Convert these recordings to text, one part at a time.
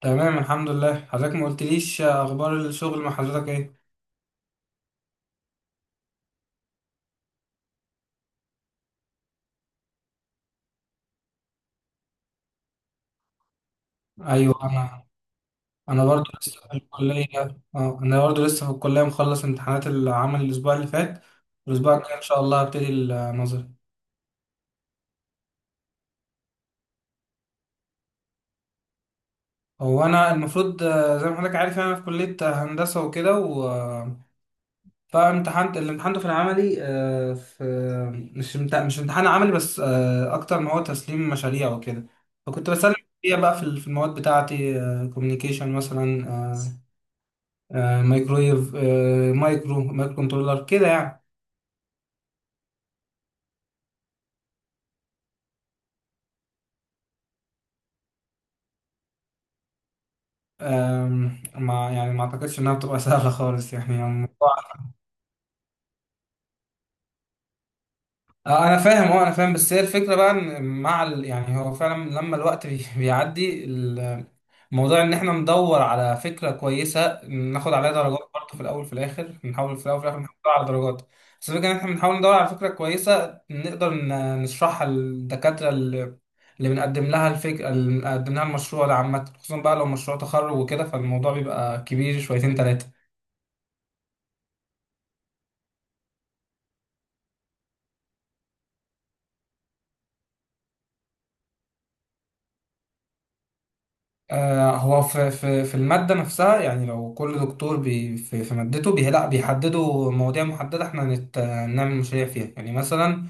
تمام الحمد لله. حضرتك ما قلتليش اخبار الشغل مع حضرتك ايه؟ ايوه انا برضو لسه في الكليه. اه انا برضو لسه في الكليه، مخلص امتحانات العمل الاسبوع اللي فات. الاسبوع الجاي ان شاء الله هبتدي النظري. هو انا المفروض، زي ما حضرتك عارف، يعني انا في كليه هندسه وكده و فامتحنت اللي امتحنته في العملي، في مش امتحان عملي بس، اكتر ما هو تسليم مشاريع وكده. فكنت بسلم مشاريع بقى في المواد بتاعتي، كوميونيكيشن مثلا، آه، مايكرويف، مايكرو كنترولر كده يعني. ما يعني ما اعتقدش انها بتبقى سهله خالص يعني الموضوع. اه انا فاهم، بس هي الفكره بقى ان مع يعني هو فعلا لما الوقت بيعدي موضوع ان احنا ندور على فكره كويسه ناخد عليها درجات برضه، في الاول في الاخر نحاول، على درجات. بس الفكره ان احنا بنحاول ندور على فكره كويسه نقدر نشرحها للدكاتره، اللي بنقدم لها الفكره، اللي بنقدم لها المشروع ده، عامه خصوصا بقى لو مشروع تخرج وكده فالموضوع بيبقى كبير شويتين تلاته. هو في المادة نفسها، يعني لو كل دكتور في مادته لا بيحددوا مواضيع محددة احنا هنعمل مشاريع فيها يعني. مثلا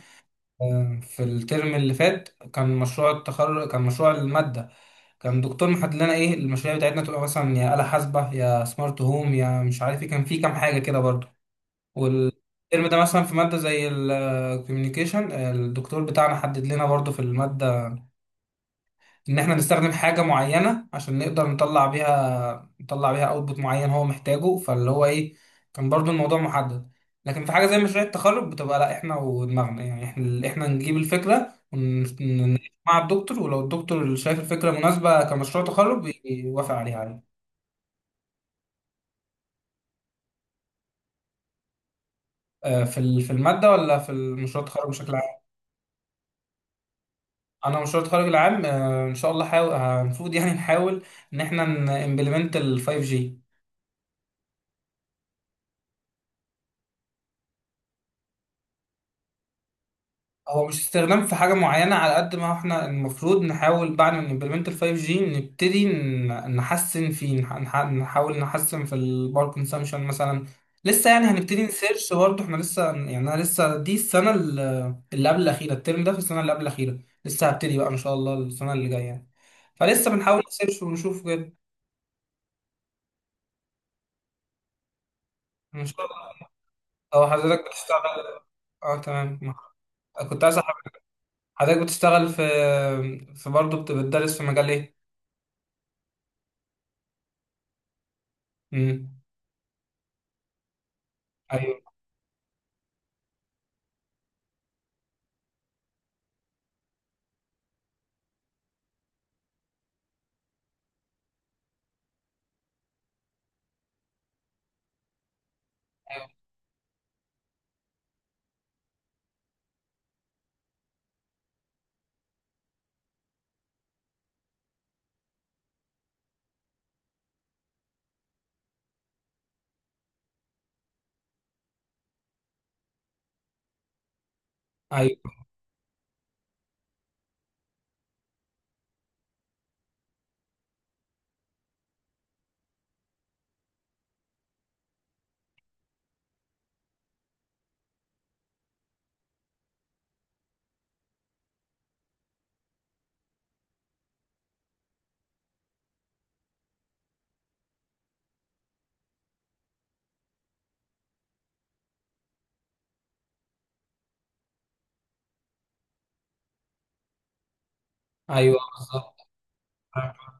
في الترم اللي فات كان مشروع التخرج، كان مشروع المادة كان دكتور محدد لنا ايه المشاريع بتاعتنا تبقى. مثلا يا آلة حاسبة يا سمارت هوم يا مش عارف ايه، كان في كام حاجة كده برضه. والترم ده مثلا في مادة زي الكوميونيكيشن، الدكتور بتاعنا حدد لنا برضه في المادة ان احنا نستخدم حاجة معينة عشان نقدر نطلع بيها، يطلع بيها اوتبوت معين هو محتاجه. فاللي هو ايه، كان برضو الموضوع محدد. لكن في حاجه زي مشاريع التخرج بتبقى لا، احنا ودماغنا يعني، احنا نجيب الفكره ونجمع مع الدكتور، ولو الدكتور شايف الفكره مناسبه كمشروع تخرج يوافق عليها عادي. في الماده ولا في المشروع التخرج بشكل عام؟ انا مشروع التخرج العام، ان شاء الله حاول المفروض يعني نحاول ان احنا نimplement ال 5G. هو مش استخدام في حاجة معينة على قد ما احنا المفروض نحاول بعد ما نمبلمنت ال 5G نبتدي نحسن فيه، نحاول نحسن في الباور كونسامشن مثلا. لسه يعني هنبتدي نسيرش برضه، احنا لسه يعني، انا لسه دي السنة اللي قبل الأخيرة، الترم ده في السنة اللي قبل الأخيرة. لسه هبتدي بقى إن شاء الله السنة اللي جاية يعني. فلسه بنحاول نسيرش ونشوف كده. إن شاء الله. هو حضرتك بتشتغل؟ اه تمام. كنت عايز أعرف حضرتك بتشتغل في، في برضه بتدرس في مجال ايه؟ امم. ايوه. ايوه بالظبط، فاهم.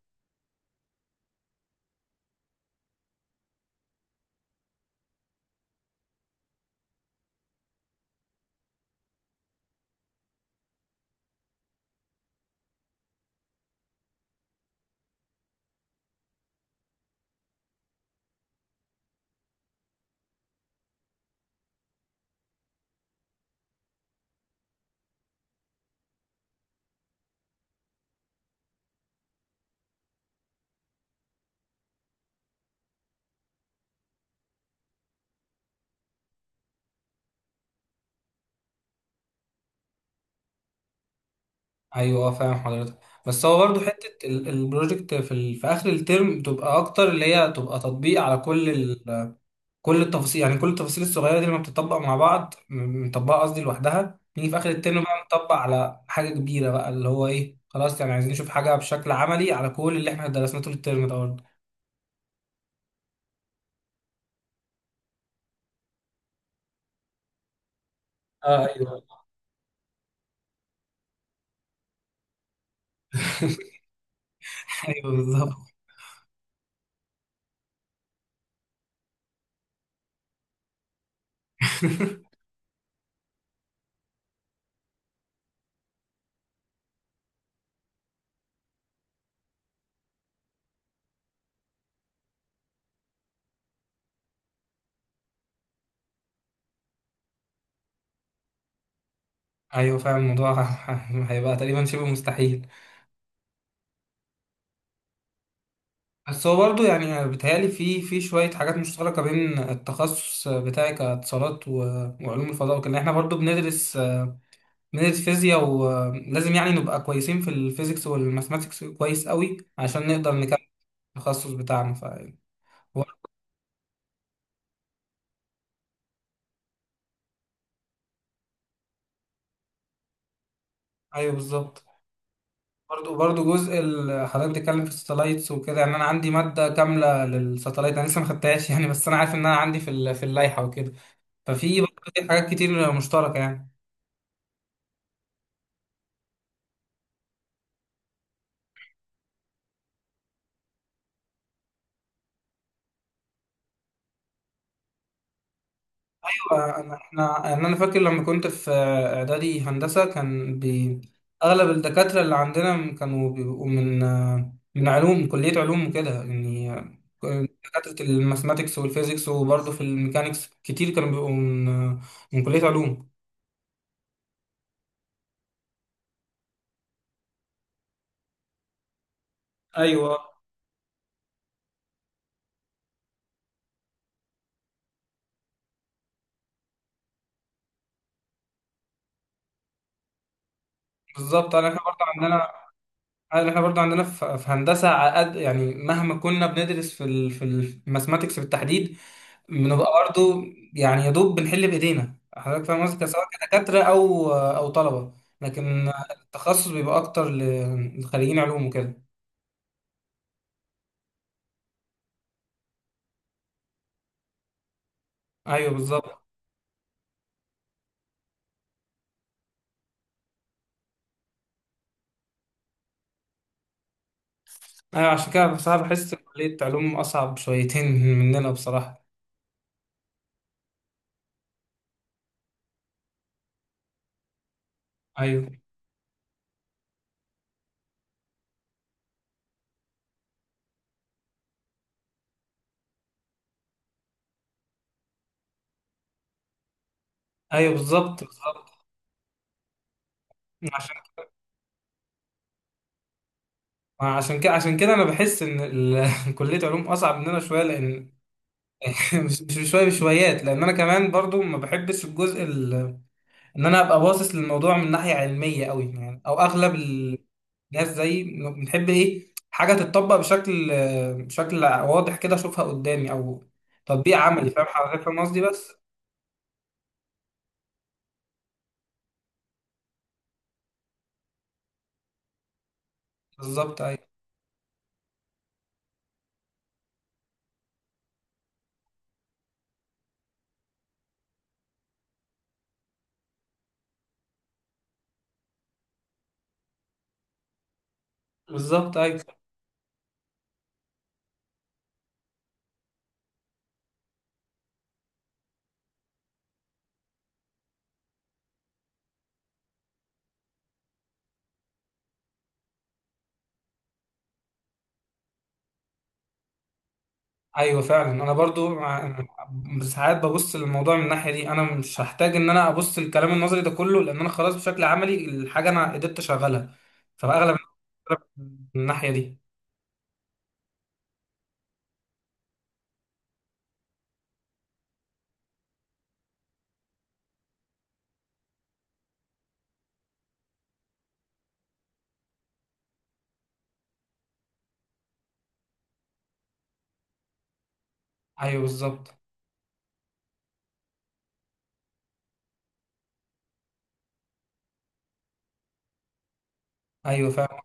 ايوه، فاهم حضرتك. بس هو برضو حته البروجكت في اخر الترم بتبقى اكتر، اللي هي تبقى تطبيق على كل كل التفاصيل، يعني كل التفاصيل الصغيره دي لما بتطبق مع بعض مطبقه قصدي لوحدها، نيجي في اخر الترم بقى نطبق على حاجه كبيره بقى، اللي هو ايه خلاص يعني عايزين نشوف حاجه بشكل عملي على كل اللي احنا درسناه طول الترم ده برضه. اه ايوه. ايوه بالظبط. ايوه فعلا الموضوع هيبقى تقريبا شبه مستحيل. بس هو برضه يعني بيتهيألي في شوية حاجات مشتركة بين التخصص بتاعي كاتصالات وعلوم الفضاء وكده، احنا برضه بندرس، فيزياء، ولازم يعني نبقى كويسين في الفيزيكس والماثماتكس كويس قوي عشان نقدر نكمل التخصص بتاعنا. ف هو- ايوه بالظبط. برضه جزء حضرتك بتتكلم في الساتلايتس وكده، يعني انا عندي مادة كاملة للساتلايت انا لسه ما خدتهاش يعني، بس انا عارف ان انا عندي في اللائحة وكده. ففي برضه حاجات كتير مشتركة يعني. احنا يعني، انا فاكر لما كنت في اعدادي هندسه كان اغلب الدكاتره اللي عندنا كانوا بيبقوا من، علوم، كليه علوم وكده يعني. دكاتره الماثماتكس والفيزيكس، وبرضه في الميكانيكس كتير كانوا بيبقوا من كليه علوم. ايوه بالظبط. انا احنا برضه عندنا أنا- احنا برضه عندنا في، في هندسه عقد يعني، مهما كنا بندرس في في الماثماتكس بالتحديد بنبقى برضو، يعني يا دوب بنحل بايدينا، حضرتك فاهم قصدي، سواء كدكاتره او طلبه. لكن التخصص بيبقى اكتر لخريجين علوم وكده. ايوه بالظبط. ايوه عشان كده بصراحه بحس إن كليه علوم اصعب شويتين مننا بصراحه. ايوه. ايوه بالظبط. عشان عشان كده، انا بحس ان كليه علوم اصعب مننا شويه، لان مش شويه بشويات، لان انا كمان برضو ما بحبش الجزء ان انا ابقى باصص للموضوع من ناحيه علميه قوي يعني، او اغلب الناس زي بنحب ايه حاجه تتطبق بشكل، واضح كده اشوفها قدامي او تطبيق عملي، فاهم حضرتك فاهم قصدي بس. بالظبط ايوه. بالظبط ايوه. ايوه فعلا. انا برضو ساعات ببص للموضوع من الناحيه دي، انا مش هحتاج ان انا ابص للكلام النظري ده كله لان انا خلاص بشكل عملي الحاجه انا قدرت اشغلها، فاغلب الناس من الناحيه دي. ايوه بالظبط. ايوه فعلا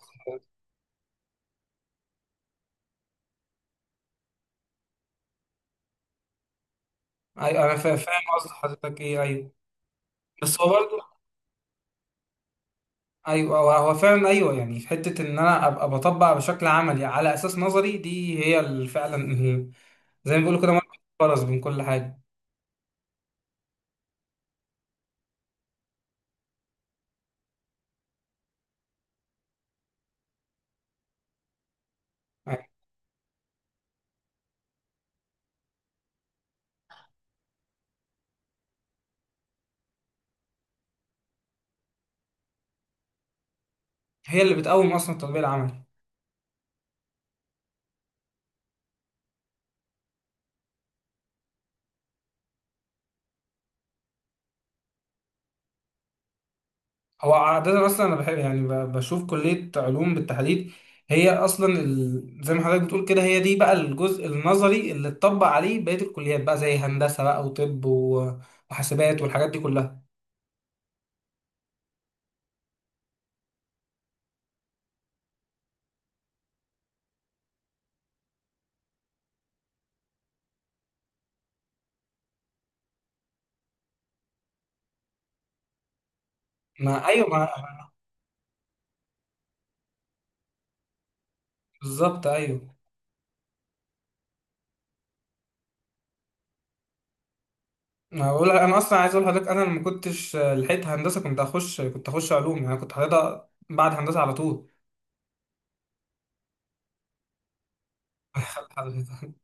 ايوه، انا فاهم قصد حضرتك ايه. ايوه بس هو برضه ايوه، هو فعلا ايوه، يعني في حته ان انا ابقى بطبق بشكل عملي على اساس نظري، دي هي اللي فعلا زي ما بيقولوا كده مربط الفرس بين كل حاجه. يعني هي اللي بتقوم اصلا التطبيق العملي. هو عاده اصلا انا بحب يعني بشوف كليه علوم بالتحديد هي اصلا زي ما حضرتك بتقول كده، هي دي بقى الجزء النظري اللي اتطبق عليه بقيه الكليات بقى، زي هندسه بقى وطب وحاسبات والحاجات دي كلها. ما ايوه ما بالظبط ايوه. هقول انا اصلا عايز اقول لحضرتك، انا لما كنتش لحقت هندسه كنت اخش، علوم يعني، أنا كنت حاططها بعد هندسه على طول.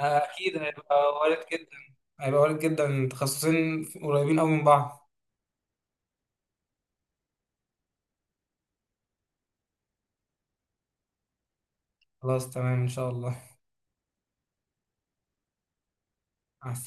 اكيد هيبقى وارد جدا، هيبقى وارد جدا، تخصصين قريبين قوي من بعض. خلاص تمام ان شاء الله. مع السلامه.